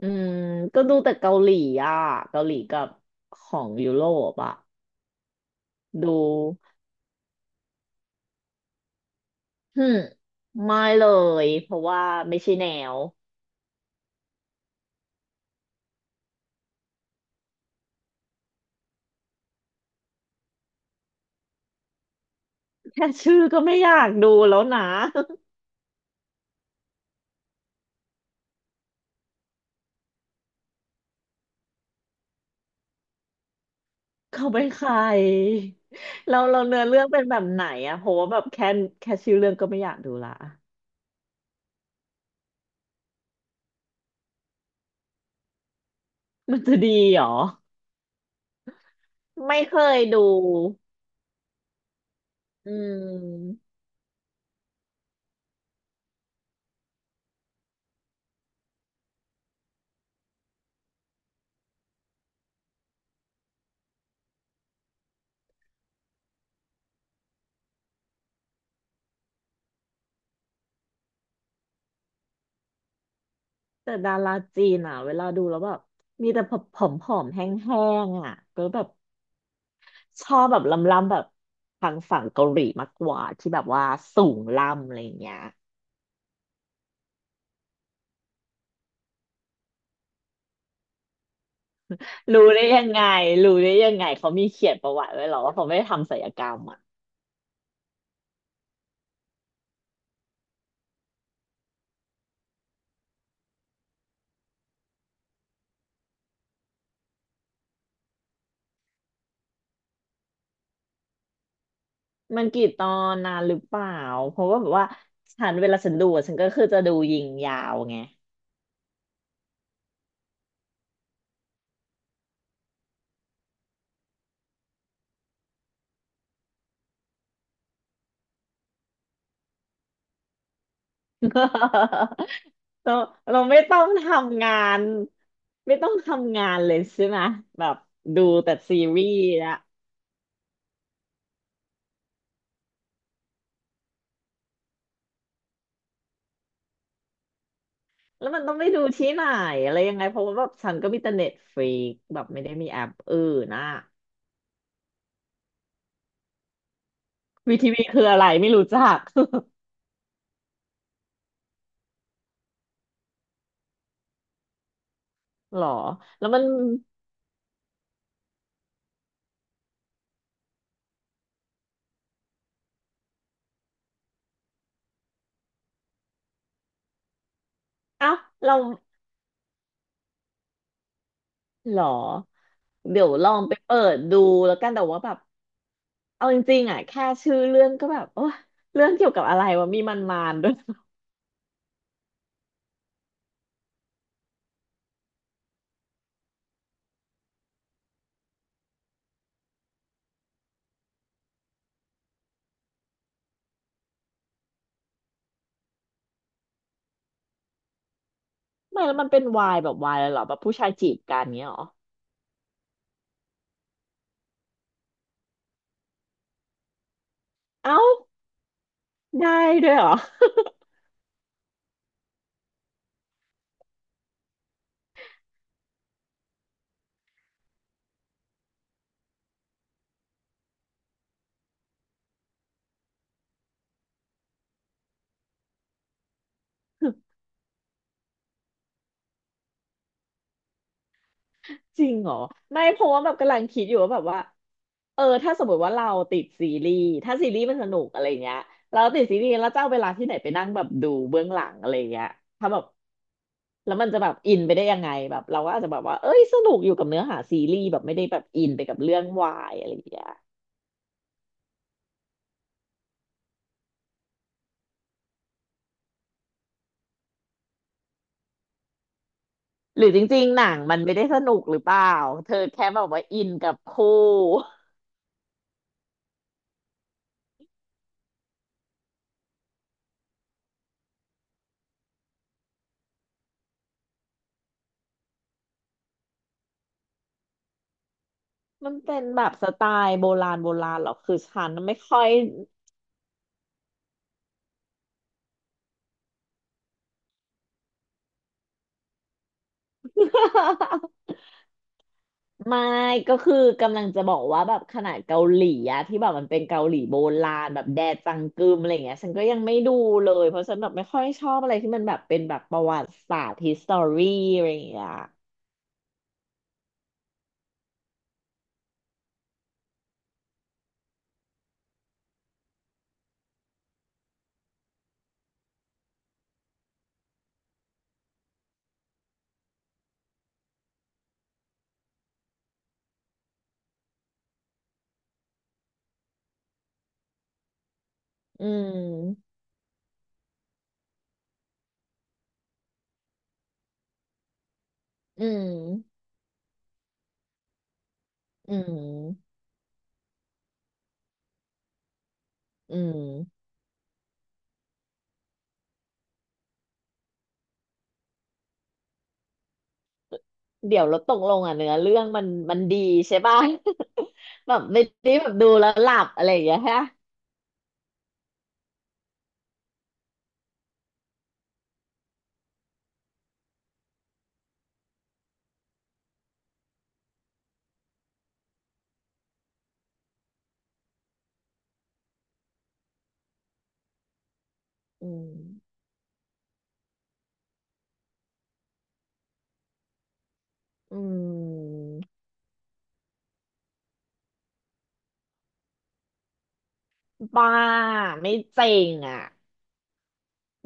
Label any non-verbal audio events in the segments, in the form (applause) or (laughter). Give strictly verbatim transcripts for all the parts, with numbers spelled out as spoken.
อืมก็ดูแต่เกาหลีอ่ะเกาหลีกับของยุโรปอ่ะดูฮึมไม่เลยเพราะว่าไม่ใช่แนวแค่ชื่อก็ไม่อยากดูแล้วนะ (laughs) เขาเป็นใครเราเราเนื้อเรื่องเป็นแบบไหนอะเพราะว่าแบบแค่แค่ชื่อเรื่องก็ไม่อยากดูละมันจะดีเหรอไม่เคยดูอืมแต่ดาราจีนอะเวลาดูแล้วแบบมีแต่ผอมๆแห้งๆอะก็แบบ ชอบแบบล้ำๆแบบทางฝั่งเกาหลีมากกว่าที่แบบว่าสูงล่ำอะไรอย่างเงี้ยรู้ได้ยังไงรู้ได้ยังไงเขามีเขียนประวัติไว้เหรอว่าเขาไม่ได้ทำศัลยกรรมอ่ะมันกี่ตอนนานหรือเปล่าเพราะว่าแบบว่าฉันเวลาฉันดูอะฉันก็คือจะดูยิงยาวไง (laughs) เราเราไม่ต้องทำงานไม่ต้องทำงานเลยใช่ไหมแบบดูแต่ซีรีส์นะ แล้วมันต้องไปดูที่ไหนอะไรยังไงเพราะว่าแบบฉันก็มีแต่เน็ตฟรีแบบไม่ได้มีแอปอื่นนะวีทีวีคืออะไรไม่รู้จัก (laughs) หรอแล้วมันเอ้าเราหรอเดี๋ยวลองไปเปิดดูแล้วกันแต่ว่าแบบเอาจริงๆอ่ะแค่ชื่อเรื่องก็แบบโอ้เรื่องเกี่ยวกับอะไรวะมีมันมานด้วยไม่แล้วมันเป็นวายแบบวายเลยเหรอแบบผู้ชายจีบกันเงี้ยเหรอเอ้าได้ด้วยเหรอ จริงเหรอไม่เพราะว่าแบบกำลังคิดอยู่ว่าแบบว่าเออถ้าสมมติว่าเราติดซีรีส์ถ้าซีรีส์มันสนุกอะไรเงี้ยเราติดซีรีส์แล้วจะเอาเวลาที่ไหนไปนั่งแบบดูเบื้องหลังอะไรเงี้ยถ้าแบบแล้วมันจะแบบอินไปได้ยังไงแบบเราก็อาจจะแบบว่าเอ้ยสนุกอยู่กับเนื้อหาซีรีส์แบบไม่ได้แบบอินไปกับเรื่องวายอะไรอย่างเงี้ยหรือจริงๆหนังมันไม่ได้สนุกหรือเปล่าเธอแค่แบบว่าอินกับคู่มันเป็นแบบสไตล์โบราณโบราณเหรอคือฉันไม่ค่อย (laughs) ไม่ก็คือกำลังจะบอกว่าแบบขนาดเกาหลีอะที่แบบมันเป็นเกาหลีโบราณแบบแดจังกึมอะไรเงี้ยฉันก็ยังไม่ดูเลยเพราะฉันแบบไม่ค่อยชอบอะไรที่มันแบบเป็นแบบประวัติศาสตร์ฮิสตอรีอะไรอย่างเงี้ยอืมอืมอืมอืมเดี๋ยวเราตกลงอ่ะเนื้อเรื่องมันมันดีใช่ป่ะ (laughs) แบบไม่ได้แบบดูแล้วหลับอะไรอย่างเงี้ยฮะอืมอืมบ้าไม่เจ๋งอ่ะ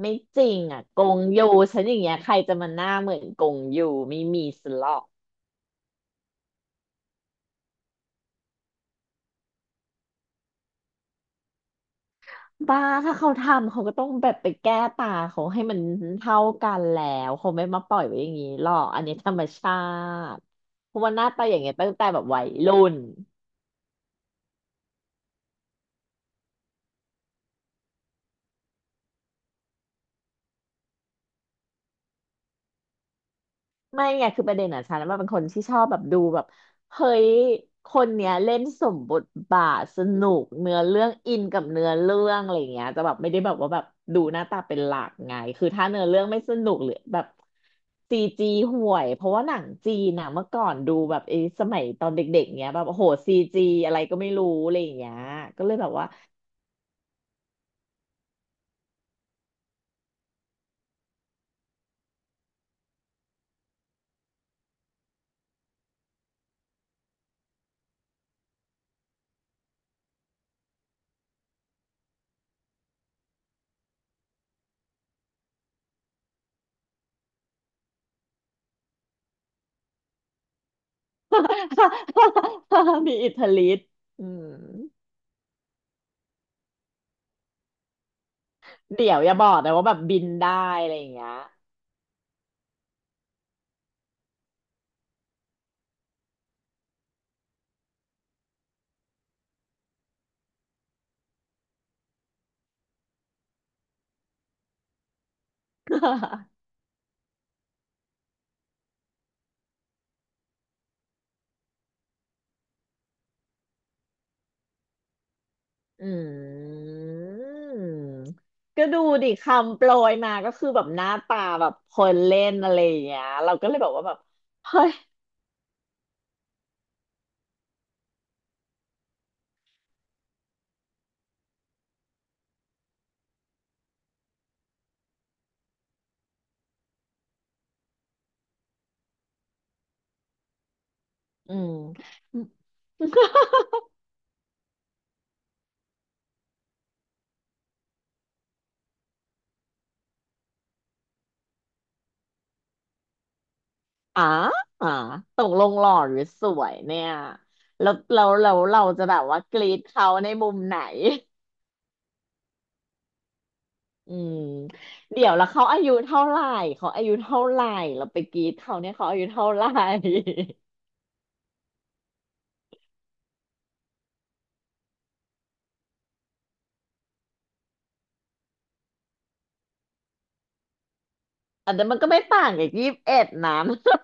ไม่จริงอ่ะกงยูฉันอย่างเงี้ยใครจะมาหน้าเหมือนกงยูไม่มีสล็อกบ้าถ้าเขาทำเขาก็ต้องแบบไปแก้ตาเขาให้มันเท่ากันแล้วเขาไม่มาปล่อยไว้อย่างนี้หรอกอันนี้ธรรมชาติเพราะว่าหน้าตาอย่างเงี้ยตั้งแต่แบบวัยรุ่น ไม่ไงคือประเด็นอ่ะฉันว่าเป็นคนที่ชอบแบบดูแบบเฮ้ยคนเนี้ยเล่นสมบทบาทสนุกเนื้อเรื่องอินกับเนื้อเรื่องอะไรอย่างเงี้ยจะแบบไม่ได้แบบว่าแบบดูหน้าตาเป็นหลักไงคือถ้าเนื้อเรื่องไม่สนุกหรือแบบซีจีห่วยเพราะว่าหนังจีนอ่ะเมื่อก่อนดูแบบไอ้สมัยตอนเด็กๆเงี้ยแบบโอ้โหซีจีอะไรก็ไม่รู้อะไรอย่างเงี้ยก็เลยแบบว่า (laughs) มีอิทธิฤทธิ์อืมเดี๋ยวอย่าบอกนะว่าแบบบินได้อะไรอย่างเงี้ย (laughs) อืมก็ดูดิคำโปรยมาก็คือแบบหน้าตาแบบคนเล่นอะไรอย่างเงี้ยเราก็เลยบอกว่าแบบเฮ้ยอืมอ่ออ่อตกลงหล่อหรือสวยเนี่ยแล้วแล้วแล้วเราจะแบบว่ากรีดเขาในมุมไหนอืมเดี๋ยวแล้วเขาอายุเท่าไหร่เขาอายุเท่าไหร่เราไปกรีดเขาเนี่ยเขาอายุเท่าไหร่ (laughs) อันนั้นมันก็ไม่ต่างกับยี่สิบเอ็ดนน (laughs)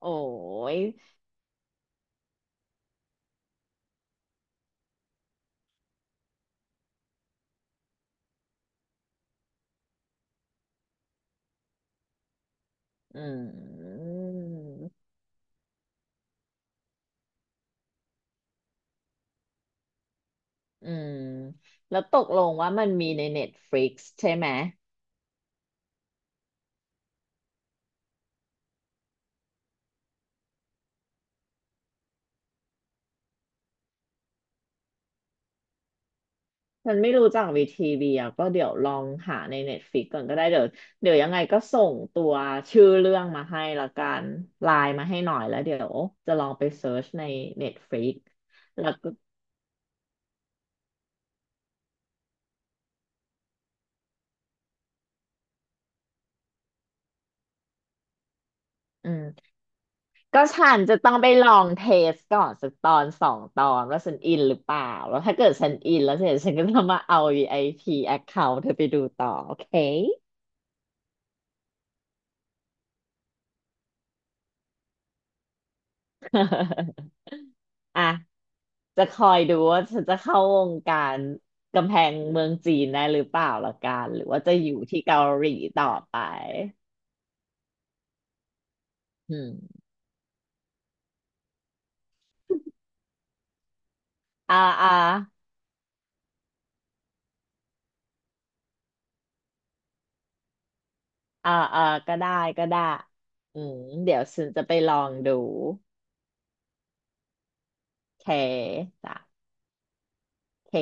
โอ้ย อืมอืมแล้วตกลงว่ามันมีใน Netflix ใช่ไหมมันไม่รู้จักวีทีวีอ่ะก็เดี๋ยวลองหาใน Netflix ก่อนก็ได้เดี๋ยวเดี๋ยวยังไงก็ส่งตัวชื่อเรื่องมาให้ละกันไลน์มาให้หน่อยแล้วเดี๋ยวจะลองไปเซิร์ชใน Netflix แล้วก็อืมก็ฉันจะต้องไปลองเทสก่อนสักตอนสองตอนว่าฉันอินหรือเปล่าแล้วถ้าเกิดฉันอินแล้วเสร็จฉันก็จะมาเอาวีไอ i ี account เธอไปดูต่อโอเค อ่ะจะคอยดูว่าฉันจะเข้าวงการกำแพงเมืองจีนได้หรือเปล่าละกันหรือว่าจะอยู่ที่เกาหลีต่อไปอืมอ่าอ่าอ่าอ่าก็ได้ก็ได้ อืมเดี๋ยวฉันจะไปลองดูโอเคจ้ะโอเค